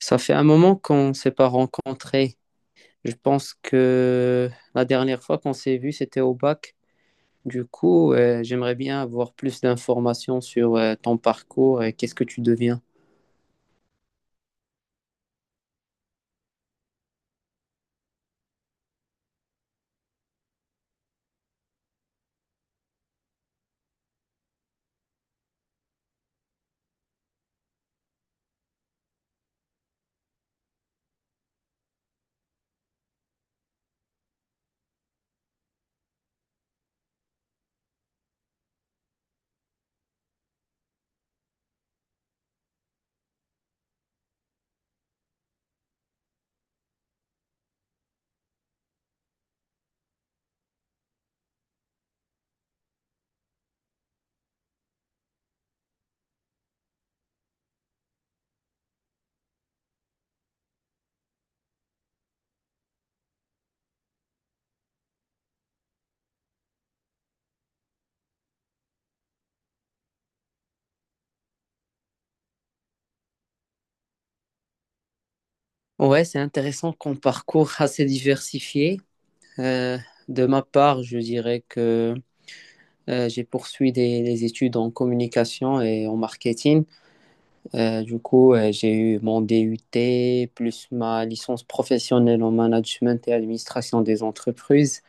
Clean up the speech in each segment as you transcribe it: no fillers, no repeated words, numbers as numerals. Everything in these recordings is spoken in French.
Ça fait un moment qu'on ne s'est pas rencontrés. Je pense que la dernière fois qu'on s'est vu, c'était au bac. J'aimerais bien avoir plus d'informations sur ton parcours et qu'est-ce que tu deviens. Ouais, c'est intéressant qu'on parcours assez diversifié. Euh, de ma part, je dirais que j'ai poursuivi des études en communication et en marketing. J'ai eu mon DUT plus ma licence professionnelle en management et administration des entreprises.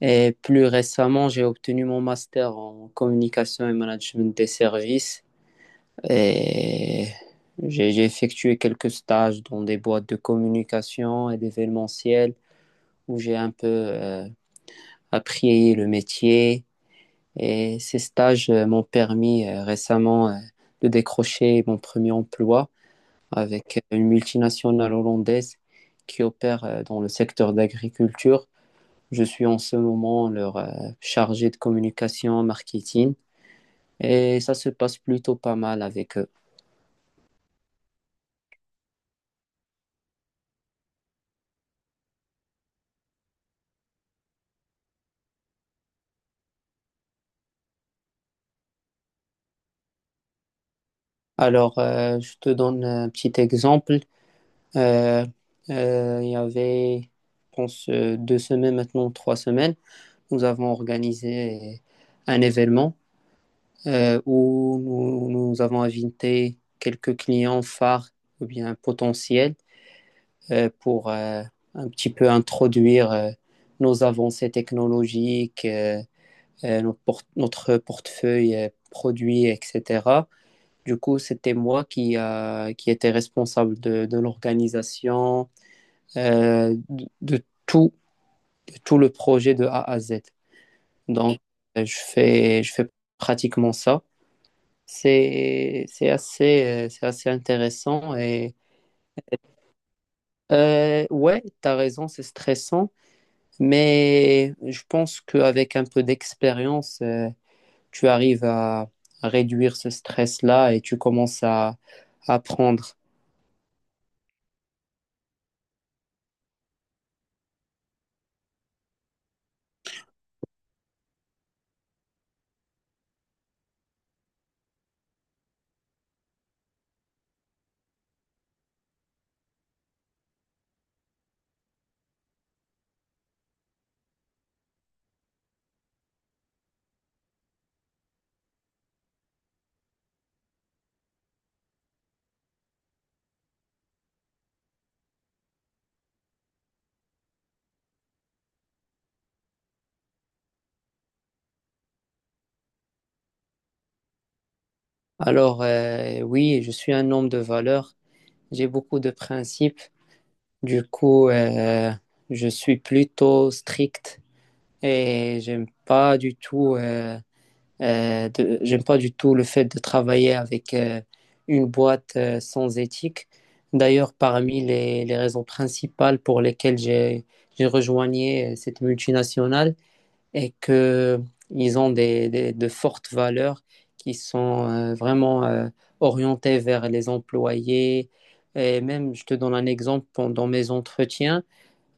Et plus récemment, j'ai obtenu mon master en communication et management des services. Et j'ai effectué quelques stages dans des boîtes de communication et d'événementiel où j'ai un peu appris le métier. Et ces stages m'ont permis récemment de décrocher mon premier emploi avec une multinationale hollandaise qui opère dans le secteur d'agriculture. Je suis en ce moment leur chargé de communication, marketing, et ça se passe plutôt pas mal avec eux. Alors, je te donne un petit exemple. Euh, euh, il y avait, je pense, deux semaines maintenant, trois semaines, nous avons organisé un événement où nous avons invité quelques clients phares ou bien potentiels pour un petit peu introduire nos avancées technologiques. Notre portefeuille produits, etc. Du coup, c'était moi qui qui était responsable de l'organisation, euh, de, de tout, de tout le projet de A à Z. Donc, je fais pratiquement ça. C'est assez intéressant. Et ouais, t'as raison, c'est stressant, mais je pense qu'avec un peu d'expérience, tu arrives à réduire ce stress-là et tu commences à apprendre. Alors, oui, je suis un homme de valeur. J'ai beaucoup de principes. Du coup, euh, je suis plutôt strict et j'aime pas du tout le fait de travailler avec une boîte sans éthique. D'ailleurs, parmi les raisons principales pour lesquelles j'ai rejoigné cette multinationale, et que ils ont de fortes valeurs qui sont vraiment orientées vers les employés. Et même, je te donne un exemple, pendant mes entretiens,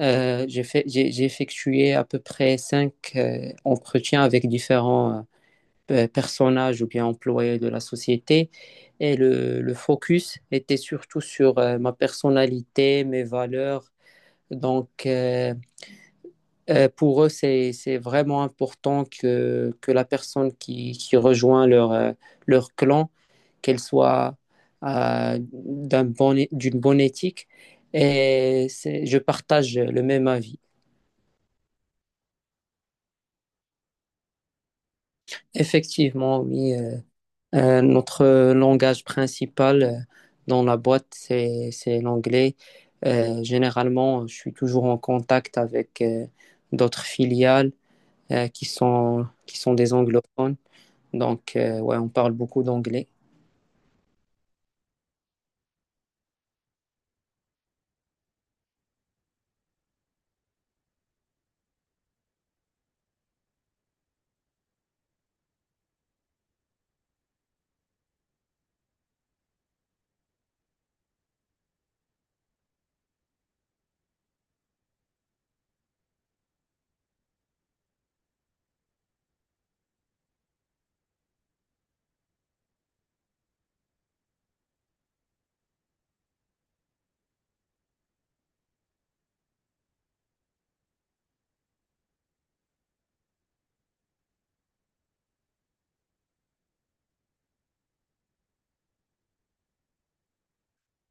j'ai effectué à peu près cinq entretiens avec différents personnages ou bien employés de la société. Et le focus était surtout sur ma personnalité, mes valeurs. Donc, pour eux, c'est vraiment important que la personne qui rejoint leur, leur clan, qu'elle soit d'une bonne éthique. Et je partage le même avis. Effectivement, oui, notre langage principal dans la boîte, c'est l'anglais. Généralement, je suis toujours en contact avec d'autres filiales qui sont des anglophones. Donc, ouais, on parle beaucoup d'anglais.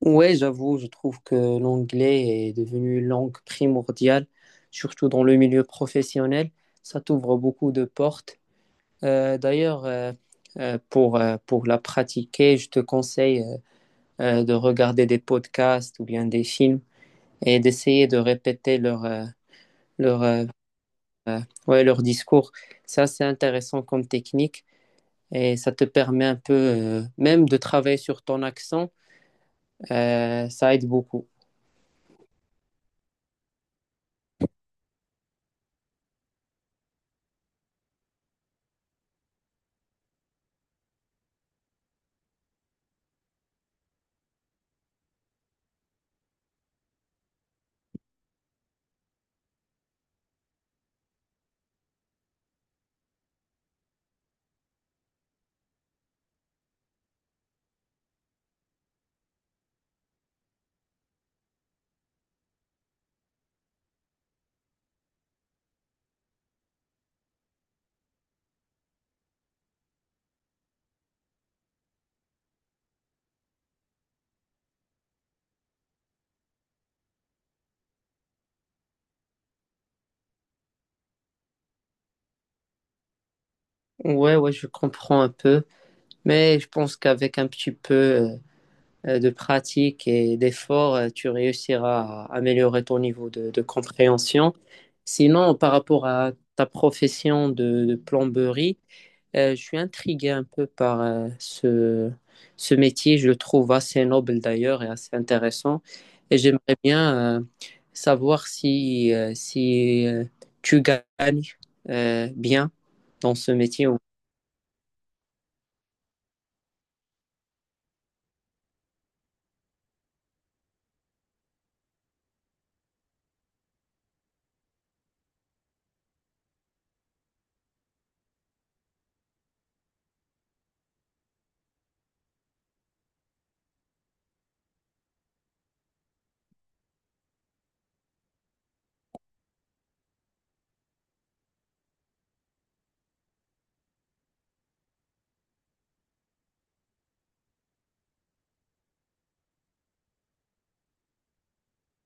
Ouais, j'avoue, je trouve que l'anglais est devenu une langue primordiale, surtout dans le milieu professionnel. Ça t'ouvre beaucoup de portes. Euh, d'ailleurs, euh, pour la pratiquer, je te conseille de regarder des podcasts ou bien des films et d'essayer de répéter leur, euh, euh, ouais, leur discours. Ça, c'est intéressant comme technique et ça te permet un peu même de travailler sur ton accent. Ça aide beaucoup. Ouais, ouais, je comprends un peu, mais je pense qu'avec un petit peu de pratique et d'effort, tu réussiras à améliorer ton niveau de compréhension. Sinon, par rapport à ta profession de plomberie, je suis intrigué un peu par ce métier. Je le trouve assez noble d'ailleurs et assez intéressant. Et j'aimerais bien savoir si, tu gagnes bien dans ce métier. Ou-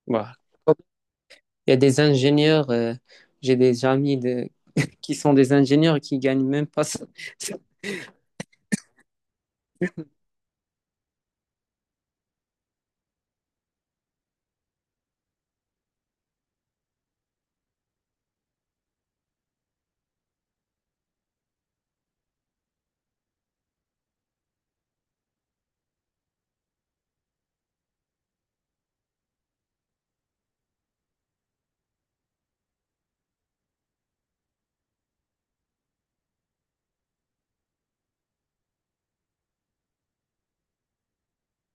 voilà. Il y a des ingénieurs, j'ai des amis de- qui sont des ingénieurs et qui gagnent même pas ça.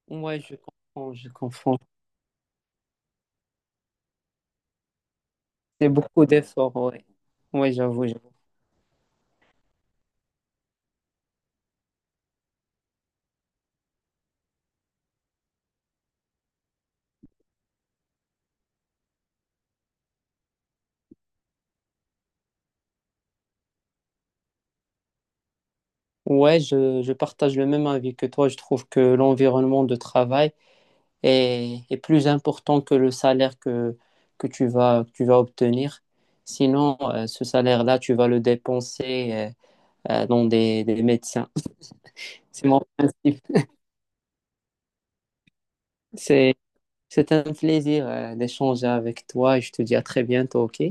Moi, je comprends, je comprends. C'est beaucoup d'efforts, ouais. Ouais, j'avoue. Ouais, je partage le même avis que toi. Je trouve que l'environnement de travail est, est plus important que le salaire que que tu vas obtenir. Sinon, ce salaire-là, tu vas le dépenser dans des médecins. C'est mon principe. C'est, c'est un plaisir d'échanger avec toi et je te dis à très bientôt, OK?